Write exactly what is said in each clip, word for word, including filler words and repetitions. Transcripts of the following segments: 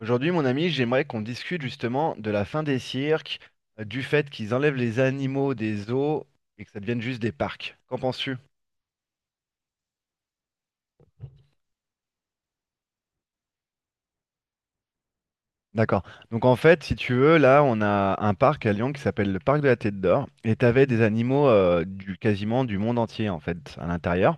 Aujourd'hui, mon ami, j'aimerais qu'on discute justement de la fin des cirques, euh, du fait qu'ils enlèvent les animaux des zoos et que ça devienne juste des parcs. Qu'en penses-tu? D'accord. Donc en fait, si tu veux, là, on a un parc à Lyon qui s'appelle le parc de la Tête d'Or et t'avais des animaux euh, du quasiment du monde entier en fait à l'intérieur.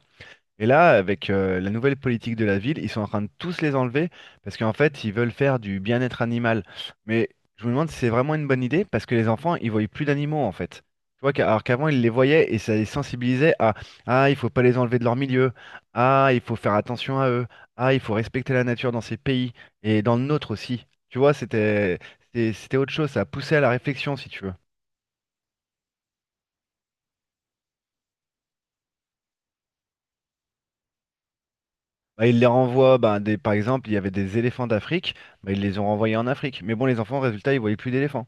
Et là, avec euh, la nouvelle politique de la ville, ils sont en train de tous les enlever parce qu'en fait, ils veulent faire du bien-être animal. Mais je me demande si c'est vraiment une bonne idée parce que les enfants, ils voient plus d'animaux en fait. Tu vois, qu'a- alors qu'avant, ils les voyaient et ça les sensibilisait à. Ah, il faut pas les enlever de leur milieu. Ah, il faut faire attention à eux. Ah, il faut respecter la nature dans ces pays et dans le nôtre aussi. Tu vois, c'était c'était c'était autre chose. Ça poussait à la réflexion, si tu veux. Bah, ils les renvoient, bah, des, par exemple, il y avait des éléphants d'Afrique, bah, ils les ont renvoyés en Afrique. Mais bon, les enfants, résultat, ils voyaient plus d'éléphants.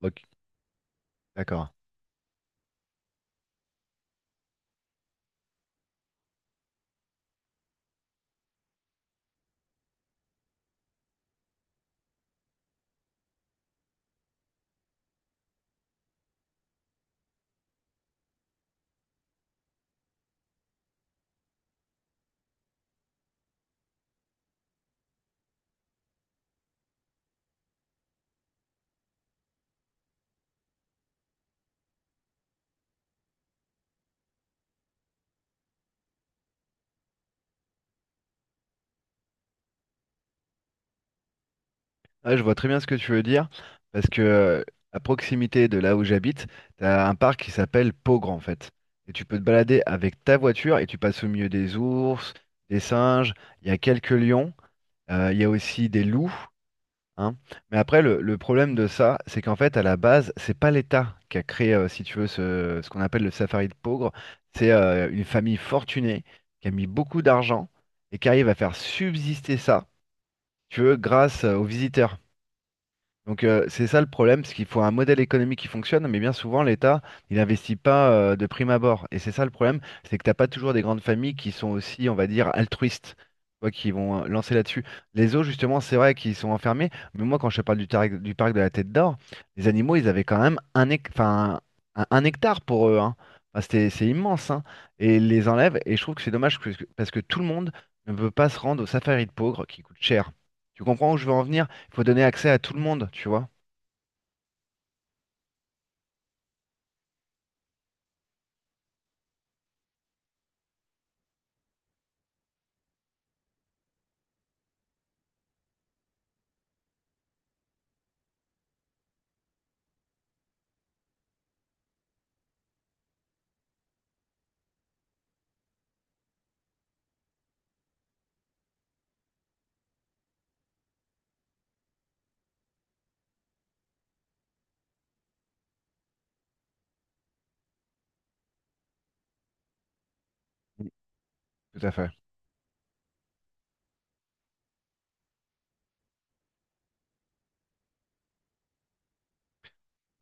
Ok, d'accord. Ah, je vois très bien ce que tu veux dire, parce que euh, à proximité de là où j'habite, tu as un parc qui s'appelle Pogre, en fait. Et tu peux te balader avec ta voiture et tu passes au milieu des ours, des singes, il y a quelques lions, euh, il y a aussi des loups, hein. Mais après, le, le problème de ça, c'est qu'en fait, à la base, c'est pas l'État qui a créé, euh, si tu veux, ce, ce qu'on appelle le safari de pauvres. C'est euh, une famille fortunée qui a mis beaucoup d'argent et qui arrive à faire subsister ça, tu veux, grâce euh, aux visiteurs. Donc euh, c'est ça le problème, c'est qu'il faut un modèle économique qui fonctionne, mais bien souvent l'État, il n'investit pas euh, de prime abord. Et c'est ça le problème, c'est que t'as pas toujours des grandes familles qui sont aussi, on va dire, altruistes, tu vois, qui vont euh, lancer là-dessus. Les zoos, justement, c'est vrai qu'ils sont enfermés, mais moi quand je te parle du, tarec- du parc de la Tête d'Or, les animaux, ils avaient quand même un, hec- enfin, un, un hectare pour eux, hein. Enfin, c'était- c'est immense, hein. Et ils les enlèvent, et je trouve que c'est dommage que parce que tout le monde ne peut pas se rendre au safari de pauvres qui coûte cher. Tu comprends où je veux en venir? Faut donner accès à tout le monde, tu vois. Mm. Tout à fait.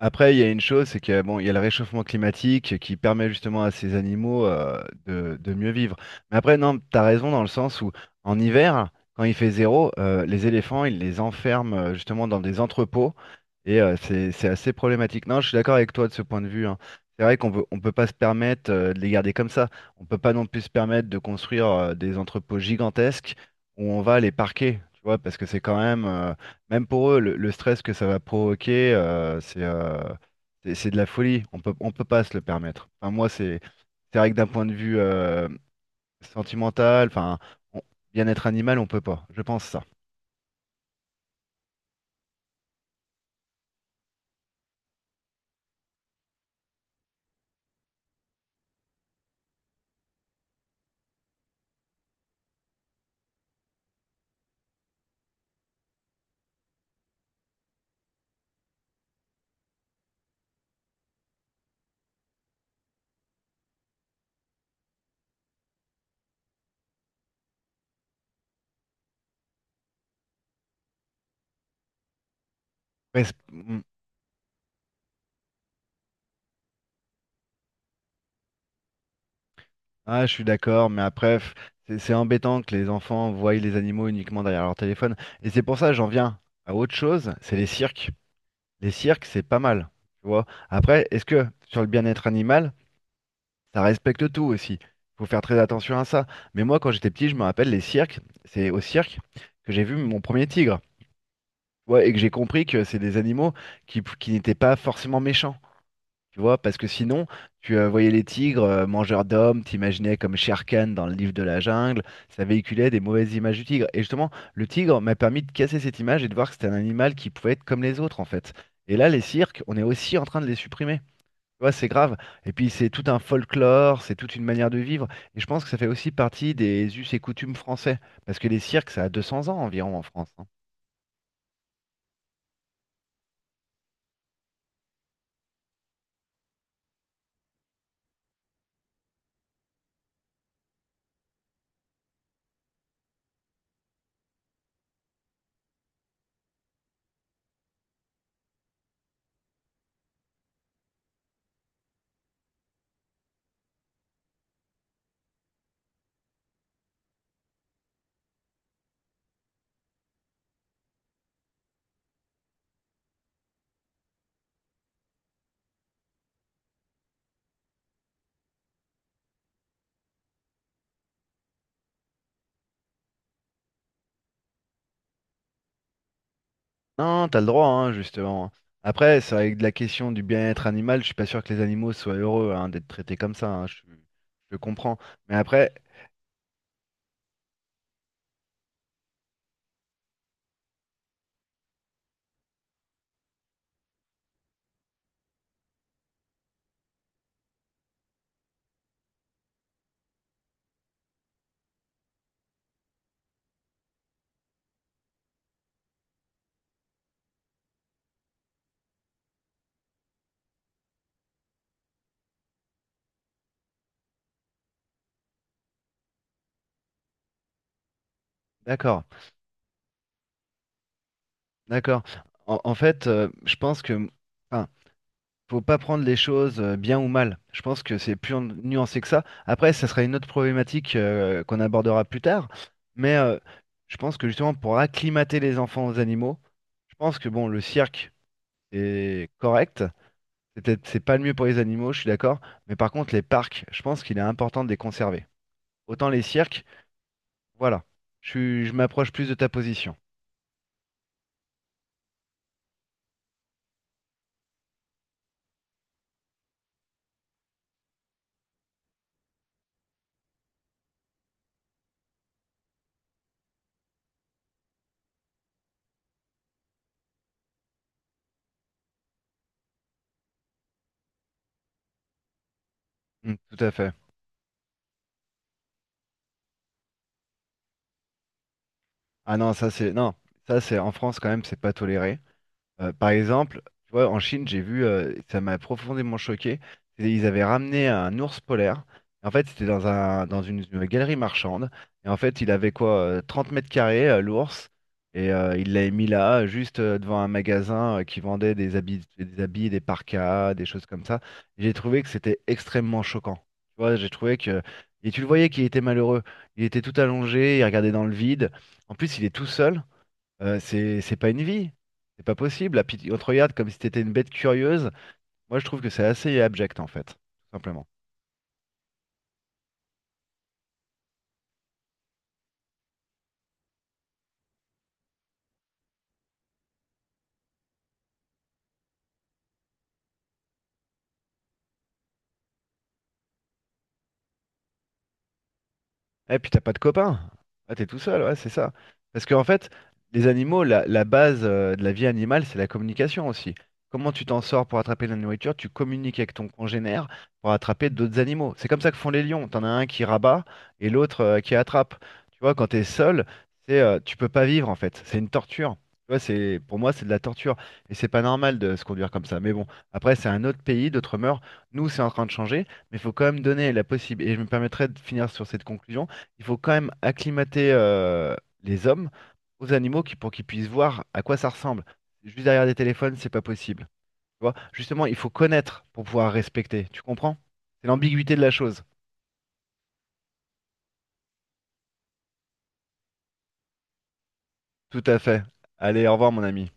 Après, il y a une chose, c'est que bon, il y a le réchauffement climatique qui permet justement à ces animaux euh, de, de mieux vivre. Mais après, non, t'as raison dans le sens où en hiver, quand il fait zéro, euh, les éléphants, ils les enferment euh, justement dans des entrepôts et euh, c'est c'est assez problématique. Non, je suis d'accord avec toi de ce point de vue, hein. C'est vrai qu'on peut, on peut pas se permettre euh, de les garder comme ça. On peut pas non plus se permettre de construire euh, des entrepôts gigantesques où on va les parquer, tu vois, parce que c'est quand même euh, même pour eux, le, le stress que ça va provoquer, euh, c'est euh, c'est c'est de la folie. On peut, on peut pas se le permettre. Enfin, moi, c'est c'est vrai que d'un point de vue euh, sentimental, enfin, on- bien-être animal, on peut pas. Je pense ça. Après, c'est- mm, ah, je suis d'accord, mais après, f- c'est c'est embêtant que les enfants voient les animaux uniquement derrière leur téléphone. Et c'est pour ça, que j'en viens à autre chose, c'est les cirques. Les cirques, c'est pas mal. Tu vois. Après, est-ce que sur le bien-être animal, ça respecte tout aussi. Faut faire très attention à ça. Mais moi, quand j'étais petit, je me rappelle les cirques. C'est au cirque que j'ai vu mon premier tigre. Ouais, et que j'ai compris que c'est des animaux qui, qui n'étaient pas forcément méchants. Tu vois, parce que sinon, tu euh, voyais les tigres euh, mangeurs d'hommes, t'imaginais comme Shere Khan dans le livre de la jungle. Ça véhiculait des mauvaises images du tigre. Et justement, le tigre m'a permis de casser cette image et de voir que c'était un animal qui pouvait être comme les autres, en fait. Et là, les cirques, on est aussi en train de les supprimer. Tu vois, c'est grave. Et puis c'est tout un folklore, c'est toute une manière de vivre. Et je pense que ça fait aussi partie des us et coutumes français. Parce que les cirques, ça a deux cents ans environ en France. Hein. Non, t'as le droit, hein, justement. Après, c'est avec de la question du bien-être animal, je suis pas sûr que les animaux soient heureux hein, d'être traités comme ça. Hein, je, je comprends. Mais après, d'accord, d'accord. En, en fait, euh, je pense que, enfin, faut pas prendre les choses euh, bien ou mal. Je pense que c'est plus nu- nuancé que ça. Après, ça sera une autre problématique euh, qu'on abordera plus tard. Mais euh, je pense que justement, pour acclimater les enfants aux animaux, je pense que bon, le cirque est correct. C'est peut-être- c'est pas le mieux pour les animaux, je suis d'accord. Mais par contre, les parcs, je pense qu'il est important de les conserver. Autant les cirques, voilà. Je, suis- je m'approche plus de ta position. Mm, tout à fait. Ah non, ça c'est non, ça c'est en France quand même, c'est pas toléré. Euh, par exemple, tu vois, en Chine, j'ai vu, euh, ça m'a profondément choqué. c'est- Ils avaient ramené un ours polaire. En fait, c'était dans un, dans une, une galerie marchande. Et en fait, il avait quoi, euh, trente mètres carrés, euh, l'ours. Et euh, il l'avait mis là, juste euh, devant un magasin euh, qui vendait des habits, des habits, des parkas, des choses comme ça. Et j'ai trouvé que c'était extrêmement choquant. Tu vois, j'ai trouvé que. Et tu le voyais qu'il était malheureux. Il était tout allongé, il regardait dans le vide. En plus, il est tout seul. Euh, c'est c'est pas une vie. C'est pas possible. Là, puis on te regarde comme si t'étais une bête curieuse. Moi, je trouve que c'est assez abject, en fait. Tout simplement. Et puis t'as pas de copain. Ah, t'es tout seul, ouais, c'est ça. Parce qu'en fait, les animaux, la, la base euh, de la vie animale, c'est la communication aussi. Comment tu t'en sors pour attraper de la nourriture? Tu communiques avec ton congénère pour attraper d'autres animaux. C'est comme ça que font les lions. T'en as un qui rabat et l'autre euh, qui attrape. Tu vois, quand t'es seul, c'est euh, tu peux pas vivre en fait. C'est une torture. Tu vois, c'est pour moi, c'est de la torture. Et c'est pas normal de se conduire comme ça. Mais bon, après, c'est un autre pays, d'autres mœurs. Nous, c'est en train de changer, mais il faut quand même donner la possibilité. Et je me permettrai de finir sur cette conclusion il faut quand même acclimater euh, les hommes aux animaux qui- pour qu'ils puissent voir à quoi ça ressemble. Juste derrière des téléphones, c'est pas possible. Tu vois? Justement, il faut connaître pour pouvoir respecter. Tu comprends? C'est l'ambiguïté de la chose. Tout à fait. Allez, au revoir, mon ami.